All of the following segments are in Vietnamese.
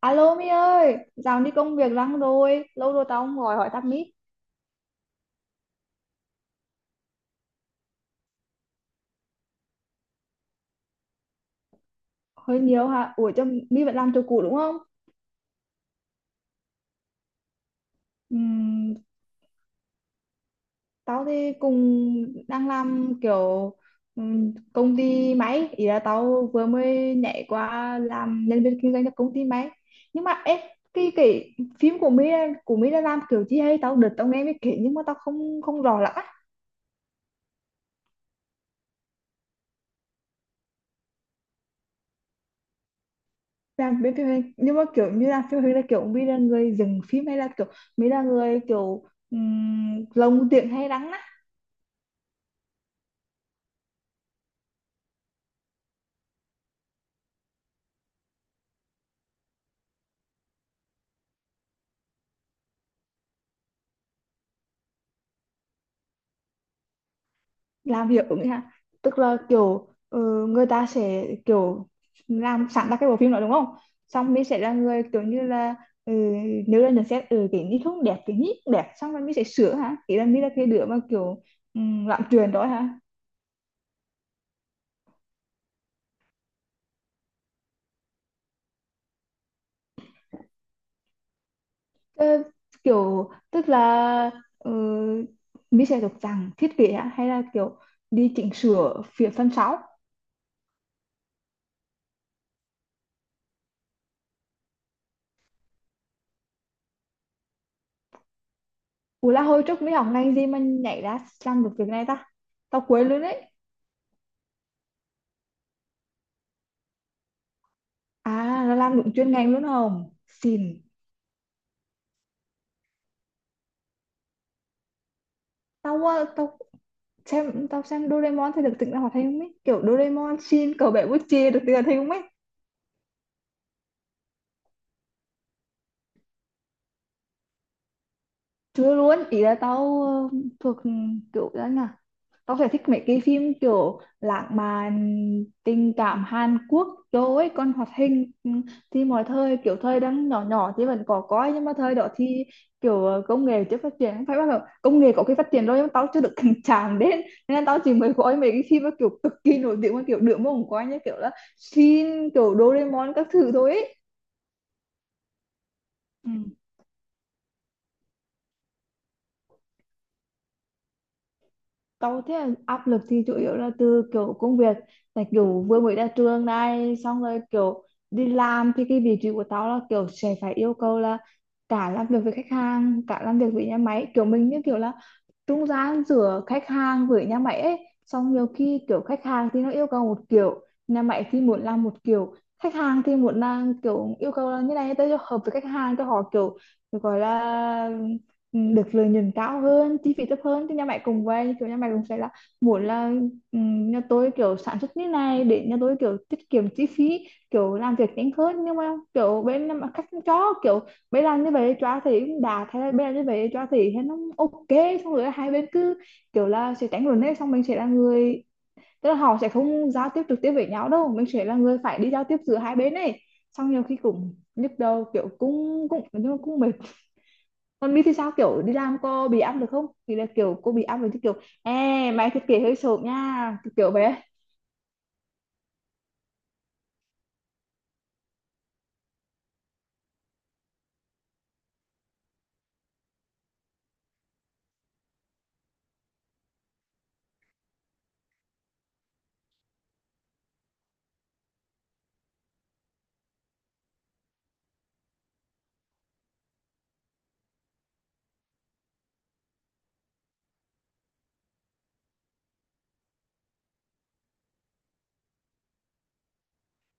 Alo My ơi, dạo đi công việc lắm rồi, lâu rồi tao không gọi hỏi thăm My. Hơi nhiều hả? Ủa cho My vẫn làm chỗ cũ đúng không? Ừm, tao thì cùng đang làm kiểu công ty máy, ý là tao vừa mới nhảy qua làm nhân viên kinh doanh cho công ty máy. Nhưng mà ê, cái phim của My đã làm kiểu gì hay tao đợt tao nghe mới kể nhưng mà tao không không rõ lắm. Làm bên phim hành nhưng mà kiểu như là phim hành là kiểu mi là người dừng phim hay là kiểu mi là người kiểu lồng tiếng hay đắng á. Làm hiệu ứng ha, tức là kiểu người ta sẽ kiểu làm sẵn ra cái bộ phim đó đúng không, xong mi sẽ là người kiểu như là, ừ, nếu là nhận xét, ừ, cái nhí không đẹp cái nhí đẹp xong rồi mi sẽ sửa hả, ý là mi là cái đứa mà kiểu làm truyền đó hả. Ờ, kiểu tức là ờ, mình sẽ được rằng thiết kế á, hay là kiểu đi chỉnh sửa phía phần sau. Ủa là hồi trước mới học ngành gì mà nhảy ra làm được việc này ta, tao quên luôn đấy. À là làm đúng chuyên ngành luôn không xin. Tao tao xem, tao xem Doraemon thì được tỉnh ra hoạt hình không ấy, kiểu Doraemon xin cậu bé bút chia được tỉnh ra hoạt hình không ấy. Chưa luôn, ý là tao, thuộc kiểu đó nhỉ. Tao sẽ thích mấy cái phim kiểu lãng mạn tình cảm Hàn Quốc đồ ấy, còn hoạt hình, ừ, thì mọi thời kiểu thời đang nhỏ nhỏ thì vẫn có coi nhưng mà thời đó thì kiểu công nghệ chưa phát triển. Không phải bắt đầu công nghệ có khi phát triển rồi nhưng mà tao chưa được cảnh chạm đến, nên là tao chỉ mới coi mấy cái phim mà kiểu cực kỳ nổi tiếng mà kiểu được mà không coi như kiểu là Shin, kiểu Doraemon các thứ thôi ấy. Tao thấy là áp lực thì chủ yếu là từ kiểu công việc, tại kiểu vừa mới ra trường này xong rồi kiểu đi làm thì cái vị trí của tao là kiểu sẽ phải yêu cầu là cả làm việc với khách hàng cả làm việc với nhà máy, kiểu mình như kiểu là trung gian giữa khách hàng với nhà máy ấy. Xong nhiều khi kiểu khách hàng thì nó yêu cầu một kiểu, nhà máy thì muốn làm một kiểu, khách hàng thì muốn làm kiểu yêu cầu là như này tới cho hợp với khách hàng cho họ kiểu gọi là được lợi nhuận cao hơn chi phí thấp hơn, thì nhà máy cũng vậy, kiểu nhà máy cũng sẽ là muốn là nhà tôi kiểu sản xuất như này để nhà tôi kiểu tiết kiệm chi phí, kiểu làm việc nhanh hơn, nhưng mà kiểu bên nhà máy khách không cho kiểu mấy lần như vậy cho thì cũng đạt, thế là mấy lần như vậy cho thì thấy nó ok. Xong rồi hai bên cứ kiểu là sẽ tránh luận hết, xong mình sẽ là người, tức là họ sẽ không giao tiếp trực tiếp với nhau đâu, mình sẽ là người phải đi giao tiếp giữa hai bên này. Xong nhiều khi cũng nhức đầu, kiểu cũng cũng nhưng mà cũng mệt. Còn Mi thì sao, kiểu đi làm cô bị áp được không, thì là kiểu cô bị áp lực chứ kiểu ê mày thiết kế hơi sộp nha kiểu bé.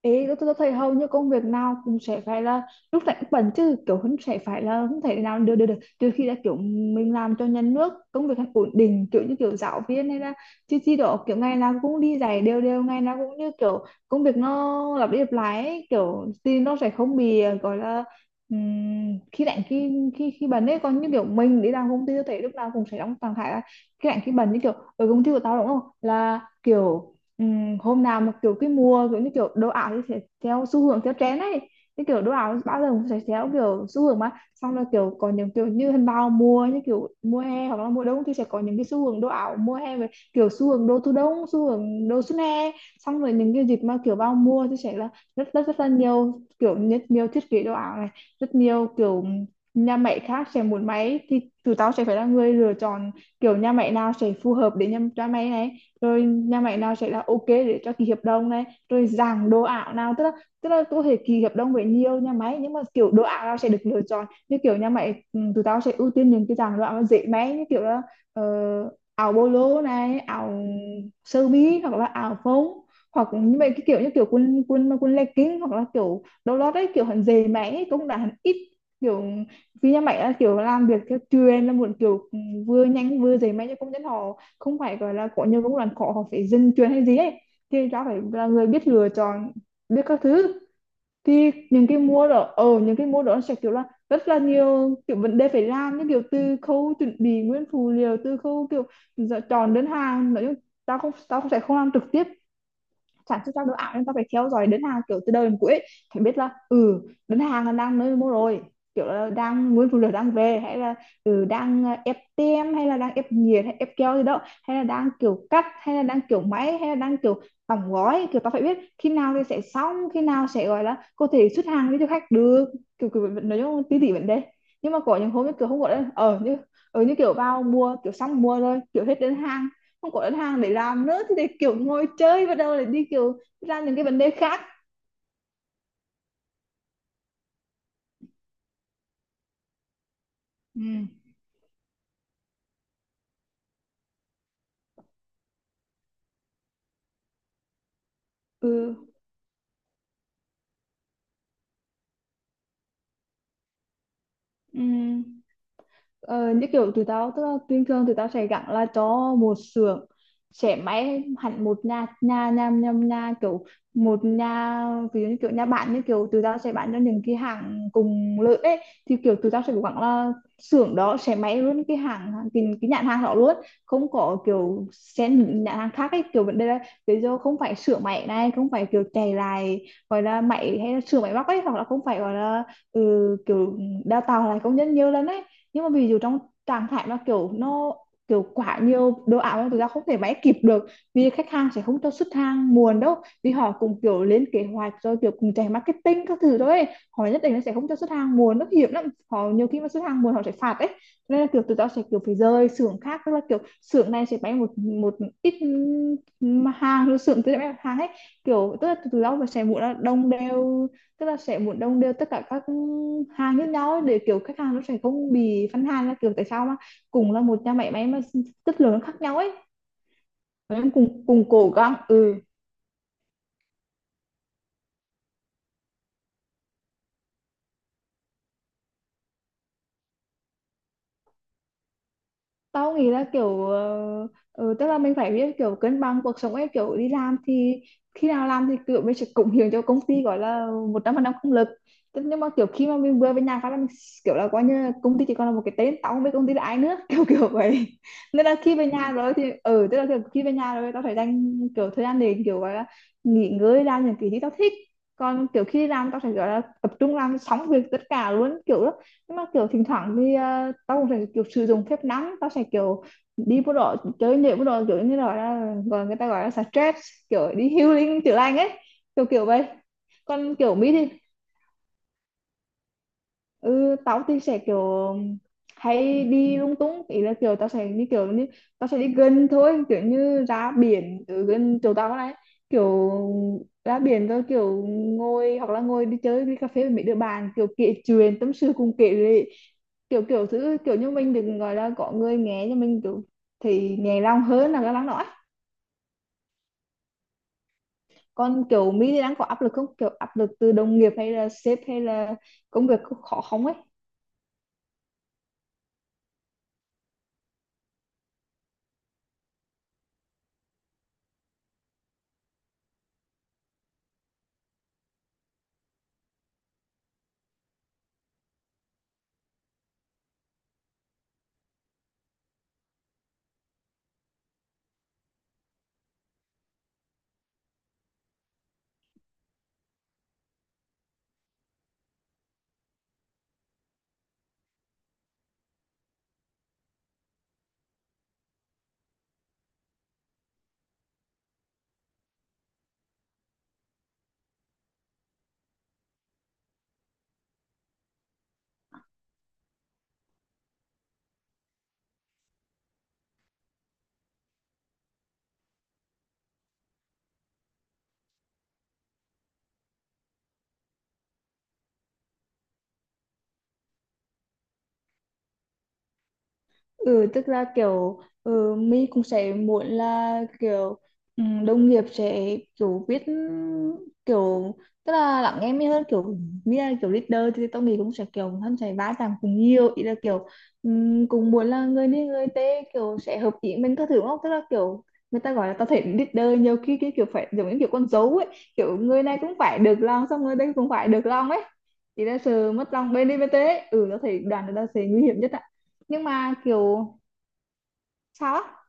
Ý tôi thấy hầu như công việc nào cũng sẽ phải là lúc này cũng bận chứ kiểu không sẽ phải là không thể nào được được được, trừ khi là kiểu mình làm cho nhà nước công việc ổn định kiểu như kiểu giáo viên hay là chứ chi đó, kiểu ngày nào cũng đi dạy đều đều, ngày nào cũng như kiểu công việc nó lặp đi lặp lại ấy, kiểu thì nó sẽ không bị gọi là khi lạnh khi khi khi bận ấy. Còn như kiểu mình đi làm công ty, tôi thấy lúc nào cũng sẽ đóng trạng thái là khi lạnh khi bận như kiểu ở công ty của tao đúng không, là kiểu ừm, hôm nào mà kiểu cái mùa kiểu như kiểu đồ ảo thì sẽ theo xu hướng theo trend ấy, cái kiểu đồ ảo bao giờ cũng sẽ theo kiểu xu hướng mà xong là kiểu có những kiểu như hình bao mùa như kiểu mùa hè hoặc là mùa đông thì sẽ có những cái xu hướng đồ ảo mùa hè về kiểu xu hướng đồ thu đông, xu hướng đồ xuân hè. Xong rồi những cái dịp mà kiểu vào mùa thì sẽ là rất rất rất là nhiều kiểu, rất nhiều thiết kế đồ ảo này, rất nhiều kiểu nhà máy khác sẽ muốn máy thì tụi tao sẽ phải là người lựa chọn kiểu nhà máy nào sẽ phù hợp để nhà, cho máy này, rồi nhà máy nào sẽ là ok để cho ký hợp đồng này rồi dạng đồ ảo nào, tức là có thể ký hợp đồng với nhiều nhà máy nhưng mà kiểu đồ ảo nào sẽ được lựa chọn như kiểu nhà máy, ừ, tụi tao sẽ ưu tiên những cái dạng đồ ảo dễ may như kiểu là ờ, áo bolo này, áo sơ mi hoặc là áo phông hoặc như vậy, cái kiểu như kiểu quần quần mà quần legging hoặc là kiểu đồ lót đấy, kiểu hẳn dày máy cũng đã hẳn ít kiểu vì nhà máy là kiểu làm việc theo truyền là muốn kiểu, ừ, vừa nhanh vừa dày máy cho công nhân họ không phải gọi là có nhiều công đoạn khó họ phải dừng chuyện hay gì ấy, thì ra phải là người biết lựa chọn biết các thứ. Thì những cái mua đó ở những cái mua đó sẽ kiểu là rất là nhiều kiểu vấn đề phải làm như kiểu từ khâu chuẩn bị nguyên phụ liệu, từ khâu kiểu giờ chọn đơn hàng. Nói chung tao không, tao không sẽ không làm trực tiếp sản xuất ra đồ ảo nên ta phải theo dõi đơn hàng kiểu từ đầu đến cuối ấy. Phải biết là, ừ, đơn hàng là đang nơi mua rồi, kiểu là đang nguyên phụ liệu đang về, hay là ừ, đang ép tem hay là đang ép nhiệt hay ép keo gì đó, hay là đang kiểu cắt hay là đang kiểu máy hay là đang kiểu đóng gói, kiểu ta phải biết khi nào thì sẽ xong, khi nào sẽ gọi là có thể xuất hàng với cho khách được, kiểu kiểu nói chung tí tỉ vấn đề. Nhưng mà có những hôm như kiểu không gọi là ở như kiểu vào mua kiểu xong mua rồi kiểu hết đơn hàng, không có đơn hàng để làm nữa thì để kiểu ngồi chơi bắt đầu để đi kiểu ra những cái vấn đề khác. Ừ, ừ, ừ. Ờ, như kiểu tụi tao tức là bình thường tụi tao sẽ gắn là cho một xưởng sẽ máy hẳn một nhà nhà nhà nhà, nhà kiểu một nhà, ví dụ như kiểu nhà bạn như kiểu tụi tao sẽ bán cho những cái hàng cùng lợi ấy, thì kiểu tụi tao sẽ gắn là xưởng đó sẽ máy luôn cái hàng cái nhãn hàng đó luôn, không có kiểu xen những nhãn hàng khác ấy, kiểu vấn đề là ví dụ không phải sửa máy này, không phải kiểu chạy lại gọi là máy hay là sửa máy móc ấy, hoặc là không phải gọi là ừ, kiểu đào tạo lại công nhân nhiều lần ấy. Nhưng mà ví dụ trong trạng thái mà kiểu nó kiểu quá nhiều đồ ảo mà thực ra không thể máy kịp được, vì khách hàng sẽ không cho xuất hàng muộn đâu, vì họ cũng kiểu lên kế hoạch rồi kiểu cùng chạy marketing các thứ thôi, họ nhất định nó sẽ không cho xuất hàng muộn, nó hiểm lắm, họ nhiều khi mà xuất hàng muộn họ sẽ phạt ấy, nên là kiểu tụi tao sẽ kiểu phải rời xưởng khác, tức là kiểu xưởng này sẽ bán một một ít mà hàng, rồi xưởng kia sẽ bán hàng ấy, kiểu tức là tụi tao sẽ muốn là đông đều, tức là sẽ muốn đồng đều tất cả các hàng với nhau ấy, để kiểu khách hàng nó sẽ không bị phân hàng là kiểu tại sao mà cùng là một nhà máy máy mà chất lượng nó khác nhau ấy. Và em cùng cùng cố gắng, ừ, tao nghĩ là kiểu tức là mình phải biết kiểu cân bằng cuộc sống ấy, kiểu đi làm thì khi nào làm thì kiểu mình sẽ cống hiến cho công ty, gọi là một trăm phần trăm công lực. Thế nhưng mà kiểu khi mà mình vừa về nhà phát là mình kiểu là coi như là công ty chỉ còn là một cái tên, tao không biết công ty là ai nữa kiểu kiểu vậy. Nên là khi về nhà rồi thì tức là kiểu khi về nhà rồi tao phải dành kiểu thời gian để kiểu gọi là nghỉ ngơi, làm những cái gì tao thích. Còn kiểu khi đi làm tao phải gọi là tập trung làm xong việc tất cả luôn, kiểu nhưng mà kiểu thỉnh thoảng thì tao cũng sẽ kiểu sử dụng phép nắng, tao sẽ kiểu đi bộ đội chơi, nhảy bộ đội, kiểu như là gọi người ta gọi là stress, kiểu đi healing, chữa lành ấy, kiểu kiểu vậy. Còn kiểu Mỹ thì ừ tao thì sẽ kiểu hay đi lung tung, ý là kiểu tao sẽ đi kiểu như tao sẽ đi gần thôi, kiểu như ra biển ở gần chỗ tao này, kiểu ra biển rồi kiểu ngồi, hoặc là ngồi đi chơi đi cà phê với mấy đứa bạn, kiểu kể chuyện tâm sự cùng kể lệ, kiểu kiểu thứ, kiểu như mình đừng gọi là có người nghe cho mình, kiểu thì nhẹ lòng hơn là cái lắng nói. Còn kiểu Mỹ thì đang có áp lực không, kiểu áp lực từ đồng nghiệp hay là sếp hay là công việc khó không ấy? Ừ, tức là kiểu mình cũng sẽ muốn là kiểu đồng nghiệp sẽ kiểu biết kiểu, tức là lắng nghe mình hơn, kiểu như là kiểu leader thì tôi nghĩ cũng sẽ kiểu hắn sẽ va chạm cùng nhiều, ý là kiểu cũng muốn là người đi người tê kiểu sẽ hợp ý mình các thứ, đúng không, tức là kiểu người ta gọi là tao thấy leader nhiều khi cái kiểu phải giống như kiểu con dấu ấy, kiểu người này cũng phải được lòng, xong người đây cũng phải được lòng ấy, thì là sự mất lòng bên đi bên tê ấy. Ừ, tao thấy đoàn người ta sẽ nguy hiểm nhất ạ. Nhưng mà kiểu sao á,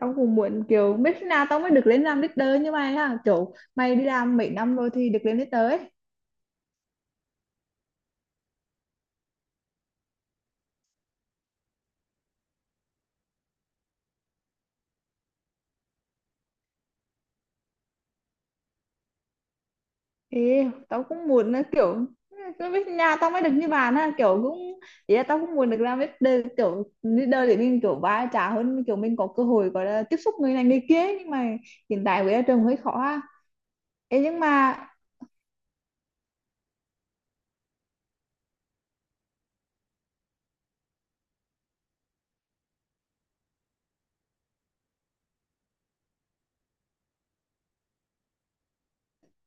tao cũng muốn kiểu biết khi nào tao mới được lên làm leader như mày ha, kiểu mày đi làm mấy năm rồi thì được lên leader ấy. Ê, tao cũng muốn là kiểu nó biết nhà tao mới được như bạn ha, kiểu cũng ý là tao cũng muốn được làm leader, kiểu leader để mình kiểu va chạm hơn, kiểu mình có cơ hội gọi là tiếp xúc người này người kia ấy. Nhưng mà hiện tại với trường hơi khó ha. Ê, nhưng mà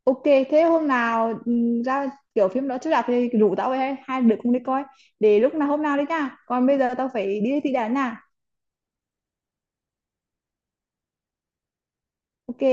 ok, thế hôm nào ra kiểu phim đó chiếu rạp thì rủ tao về hay hai đứa cùng đi coi, để lúc nào hôm nào đi nha, còn bây giờ tao phải đi thi đã nha. Ok,